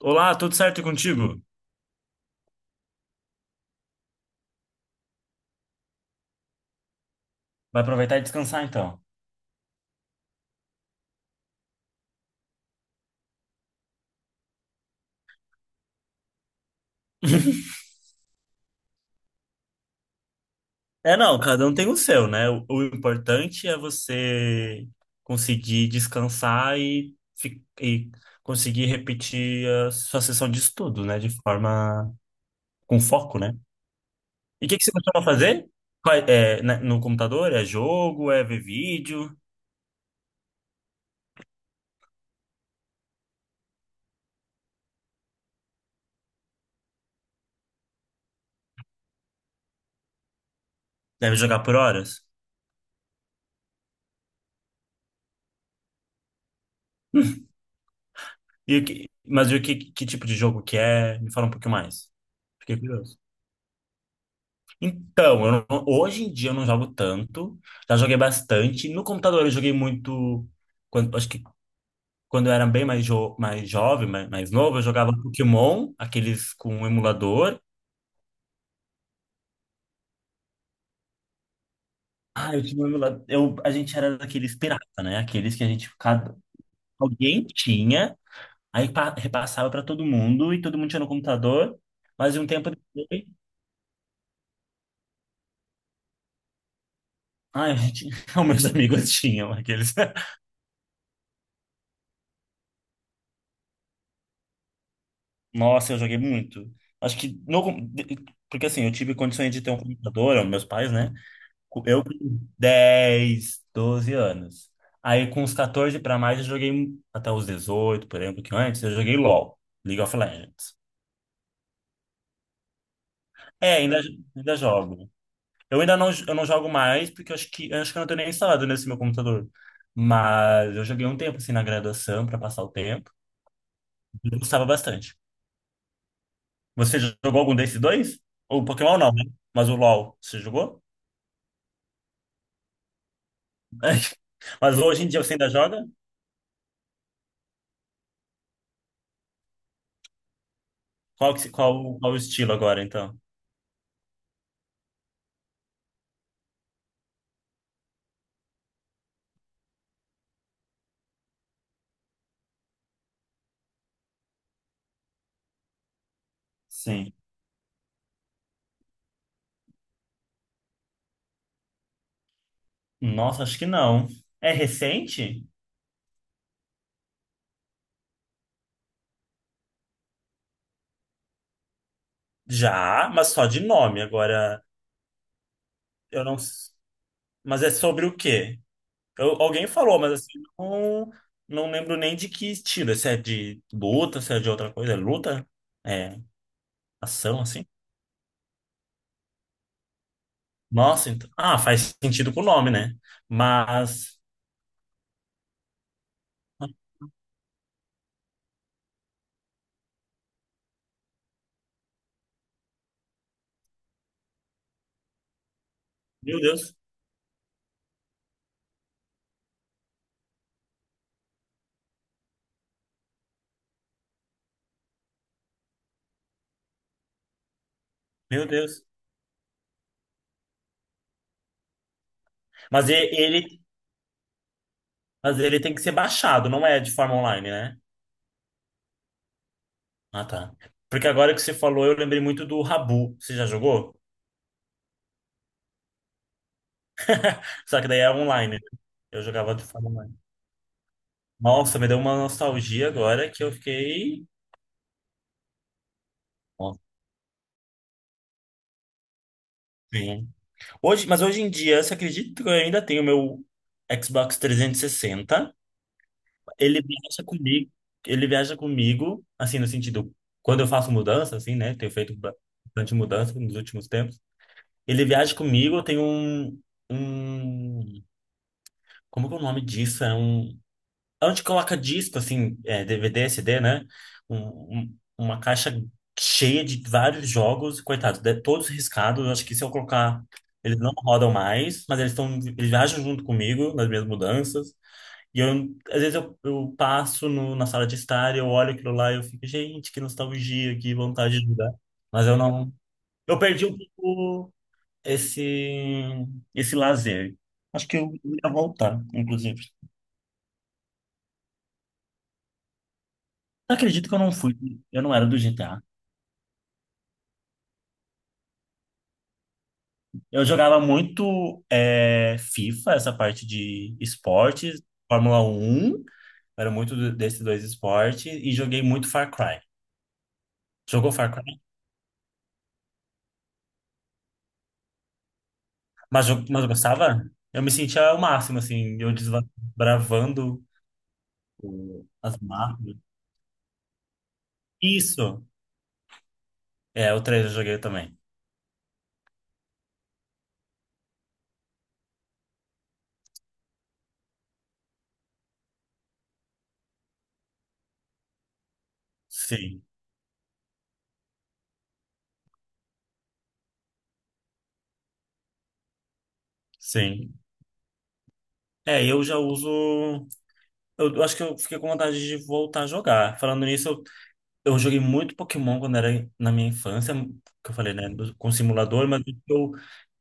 Olá, tudo certo contigo? Vai aproveitar e descansar então. É, não, cada um tem o seu, né? O importante é você conseguir descansar e, e conseguir repetir a sua sessão de estudo, né? De forma com foco, né? E o que que você costuma fazer? É, né, no computador? É jogo? É ver vídeo? Deve jogar por horas? E o que, mas e o que, que tipo de jogo que é? Me fala um pouquinho mais. Fiquei curioso. Então, eu não- hoje em dia eu não jogo tanto, já joguei bastante. No computador eu joguei muito, quando, acho que quando eu era bem mais jovem, mais novo, eu jogava Pokémon, aqueles com um emulador. Ah, eu tinha um emulador, eu, a gente era daqueles pirata, né? Aqueles que a gente, cada, alguém tinha, repassava para todo mundo e todo mundo tinha no computador, mas um tempo depois, ah, a gente, os meus amigos tinham aqueles. Nossa, eu joguei muito. Acho que no, porque assim, eu tive condições de ter um computador, é, meus pais, né? Eu com 10, 12 anos. Aí com uns 14 para mais eu joguei até os 18, por exemplo, que antes eu joguei LoL, League of Legends. É, ainda jogo. Eu não jogo mais porque eu acho que eu não tenho nem instalado nesse meu computador. Mas eu joguei um tempo assim na graduação para passar o tempo. Eu gostava bastante. Você jogou algum desses dois? O Pokémon não, né? Mas o LoL, você jogou? Mas hoje em dia você ainda joga? Qual, que se- qual, qual o estilo agora, então? Sim. Nossa, acho que não. É recente? Já, mas só de nome. Agora, eu não. s- mas é sobre o quê? Alguém falou, mas assim, não, não lembro nem de que estilo. Se é de luta, se é de outra coisa. É luta? É ação, assim? Nossa, então. Ah, faz sentido com o nome, né? Mas. Meu Deus, meu Deus. Mas e- ele, mas ele tem que ser baixado, não é de forma online, né? Ah, tá. Porque agora que você falou, eu lembrei muito do Rabu. Você já jogou? Só que daí é online, né? Eu jogava de forma online. Nossa, me deu uma nostalgia agora que eu fiquei. Nossa, sim. Mas hoje em dia, você acredita que eu ainda tenho meu Xbox 360. Ele viaja comigo. Ele viaja comigo, assim, no sentido, quando eu faço mudança, assim, né? Tenho feito bastante mudança nos últimos tempos. Ele viaja comigo, eu tenho um. Como que é o nome disso? É um onde coloca disco, assim, é, DVD, CD, né? Uma caixa cheia de vários jogos, coitados, todos riscados. Acho que se eu colocar, eles não rodam mais, mas eles estão, eles viajam junto comigo nas minhas mudanças. E eu, às vezes eu passo na sala de estar e eu olho aquilo lá e eu fico, gente, que nostalgia, que vontade de jogar. Mas eu não. Eu perdi um pouco esse, esse lazer. Acho que eu ia voltar, inclusive. Não acredito que eu não fui. Eu não era do GTA. Eu jogava muito é, FIFA, essa parte de esportes, Fórmula 1, era muito desses dois esportes, e joguei muito Far Cry. Jogou Far Cry? Mas eu gostava. Eu me sentia o máximo, assim, eu desbravando as mapas. Isso! É, o 3 eu joguei também. Sim, sim. É, eu já uso. Eu acho que eu fiquei com vontade de voltar a jogar. Falando nisso, eu joguei muito Pokémon quando era na minha infância, que eu falei, né, com simulador, mas eu,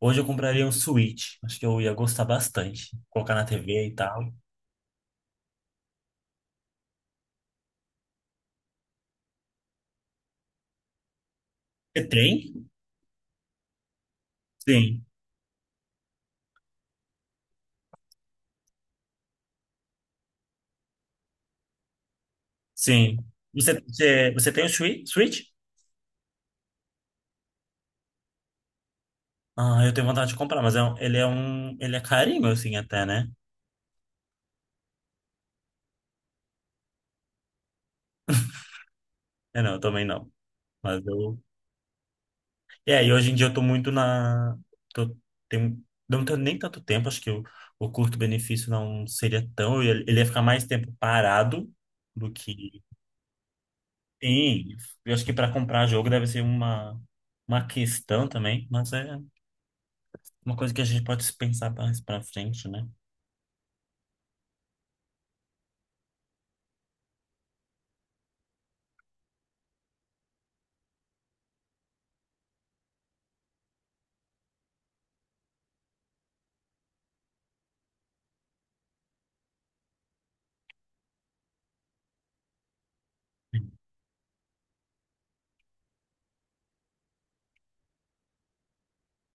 hoje eu compraria um Switch. Acho que eu ia gostar bastante. Colocar na TV e tal. Você tem? Sim, sim. Você tem o Switch? Switch? Ah, eu tenho vontade de comprar, mas é, ele é um, ele é carinho, assim, até, né? É, não, eu também não. Mas eu, é, e hoje em dia eu tô muito na. Tô, tem, não tenho nem tanto tempo, acho que o curto-benefício não seria tão. Ele ia ficar mais tempo parado do que. Sim, eu acho que para comprar jogo deve ser uma questão também, mas é uma coisa que a gente pode pensar mais para frente, né?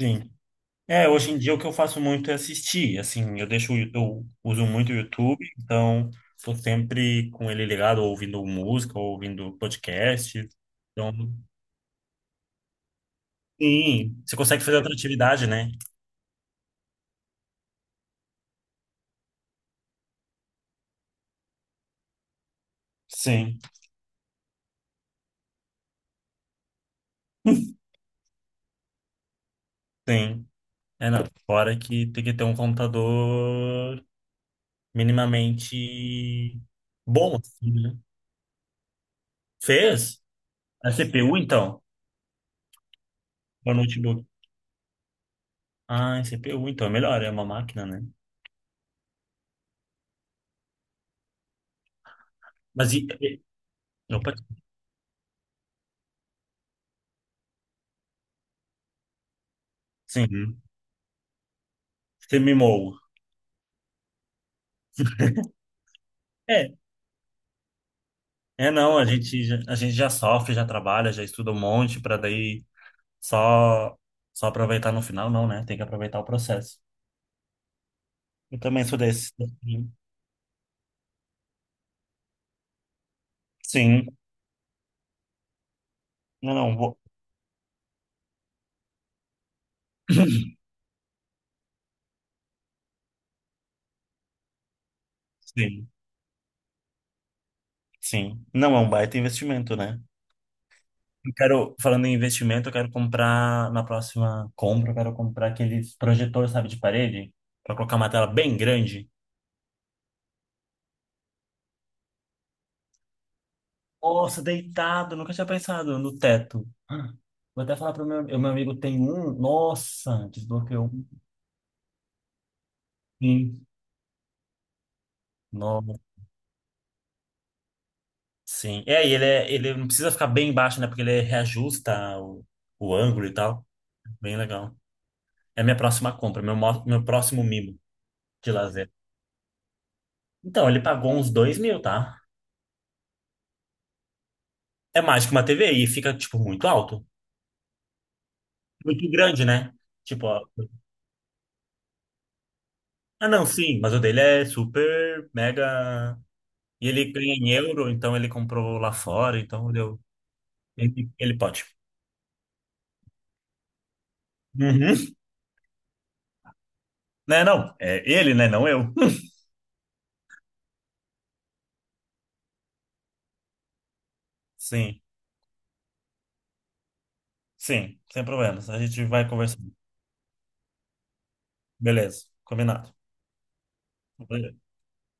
Sim. É, hoje em dia o que eu faço muito é assistir, assim, eu deixo, eu uso muito o YouTube, então tô sempre com ele ligado, ou ouvindo música, ou ouvindo podcast, então sim, você consegue fazer outra atividade, né? Sim, sim. É, não. Fora que tem que ter um computador minimamente bom, assim, né? Fez? É CPU, então? Ou notebook? Ah, é CPU, então. É melhor, é uma máquina, né? Mas e... e- Opa, sim. Você mimou. É. É, não, a gente, a gente já sofre, já trabalha, já estuda um monte para daí só, só aproveitar no final, não, né? Tem que aproveitar o processo. Eu também sou desse, assim. Sim. Não, não, sim, sim. Não é um baita investimento, né? Eu quero, falando em investimento, eu quero comprar, na próxima compra, eu quero comprar aqueles projetores, sabe, de parede, pra colocar uma tela bem grande. Nossa, deitado, nunca tinha pensado no teto. Ah, vou até falar pro meu, o meu amigo tem um, nossa, desbloqueou um. Sim. Nossa, sim. É, e ele, é, ele não precisa ficar bem baixo, né, porque ele reajusta o ângulo e tal. Bem legal. É a minha próxima compra, meu, meu próximo mimo de lazer. Então, ele pagou uns 2 mil, tá? É mais que uma TV e fica, tipo, muito alto. Muito grande, né? Tipo, ó, ah, não, sim, mas o dele é super, mega. E ele ganha em euro, então ele comprou lá fora, então deu. Ele pode. Uhum. Né, não? É ele, né? Não eu. Sim, sim, sem problemas. A gente vai conversando. Beleza, combinado. Valeu.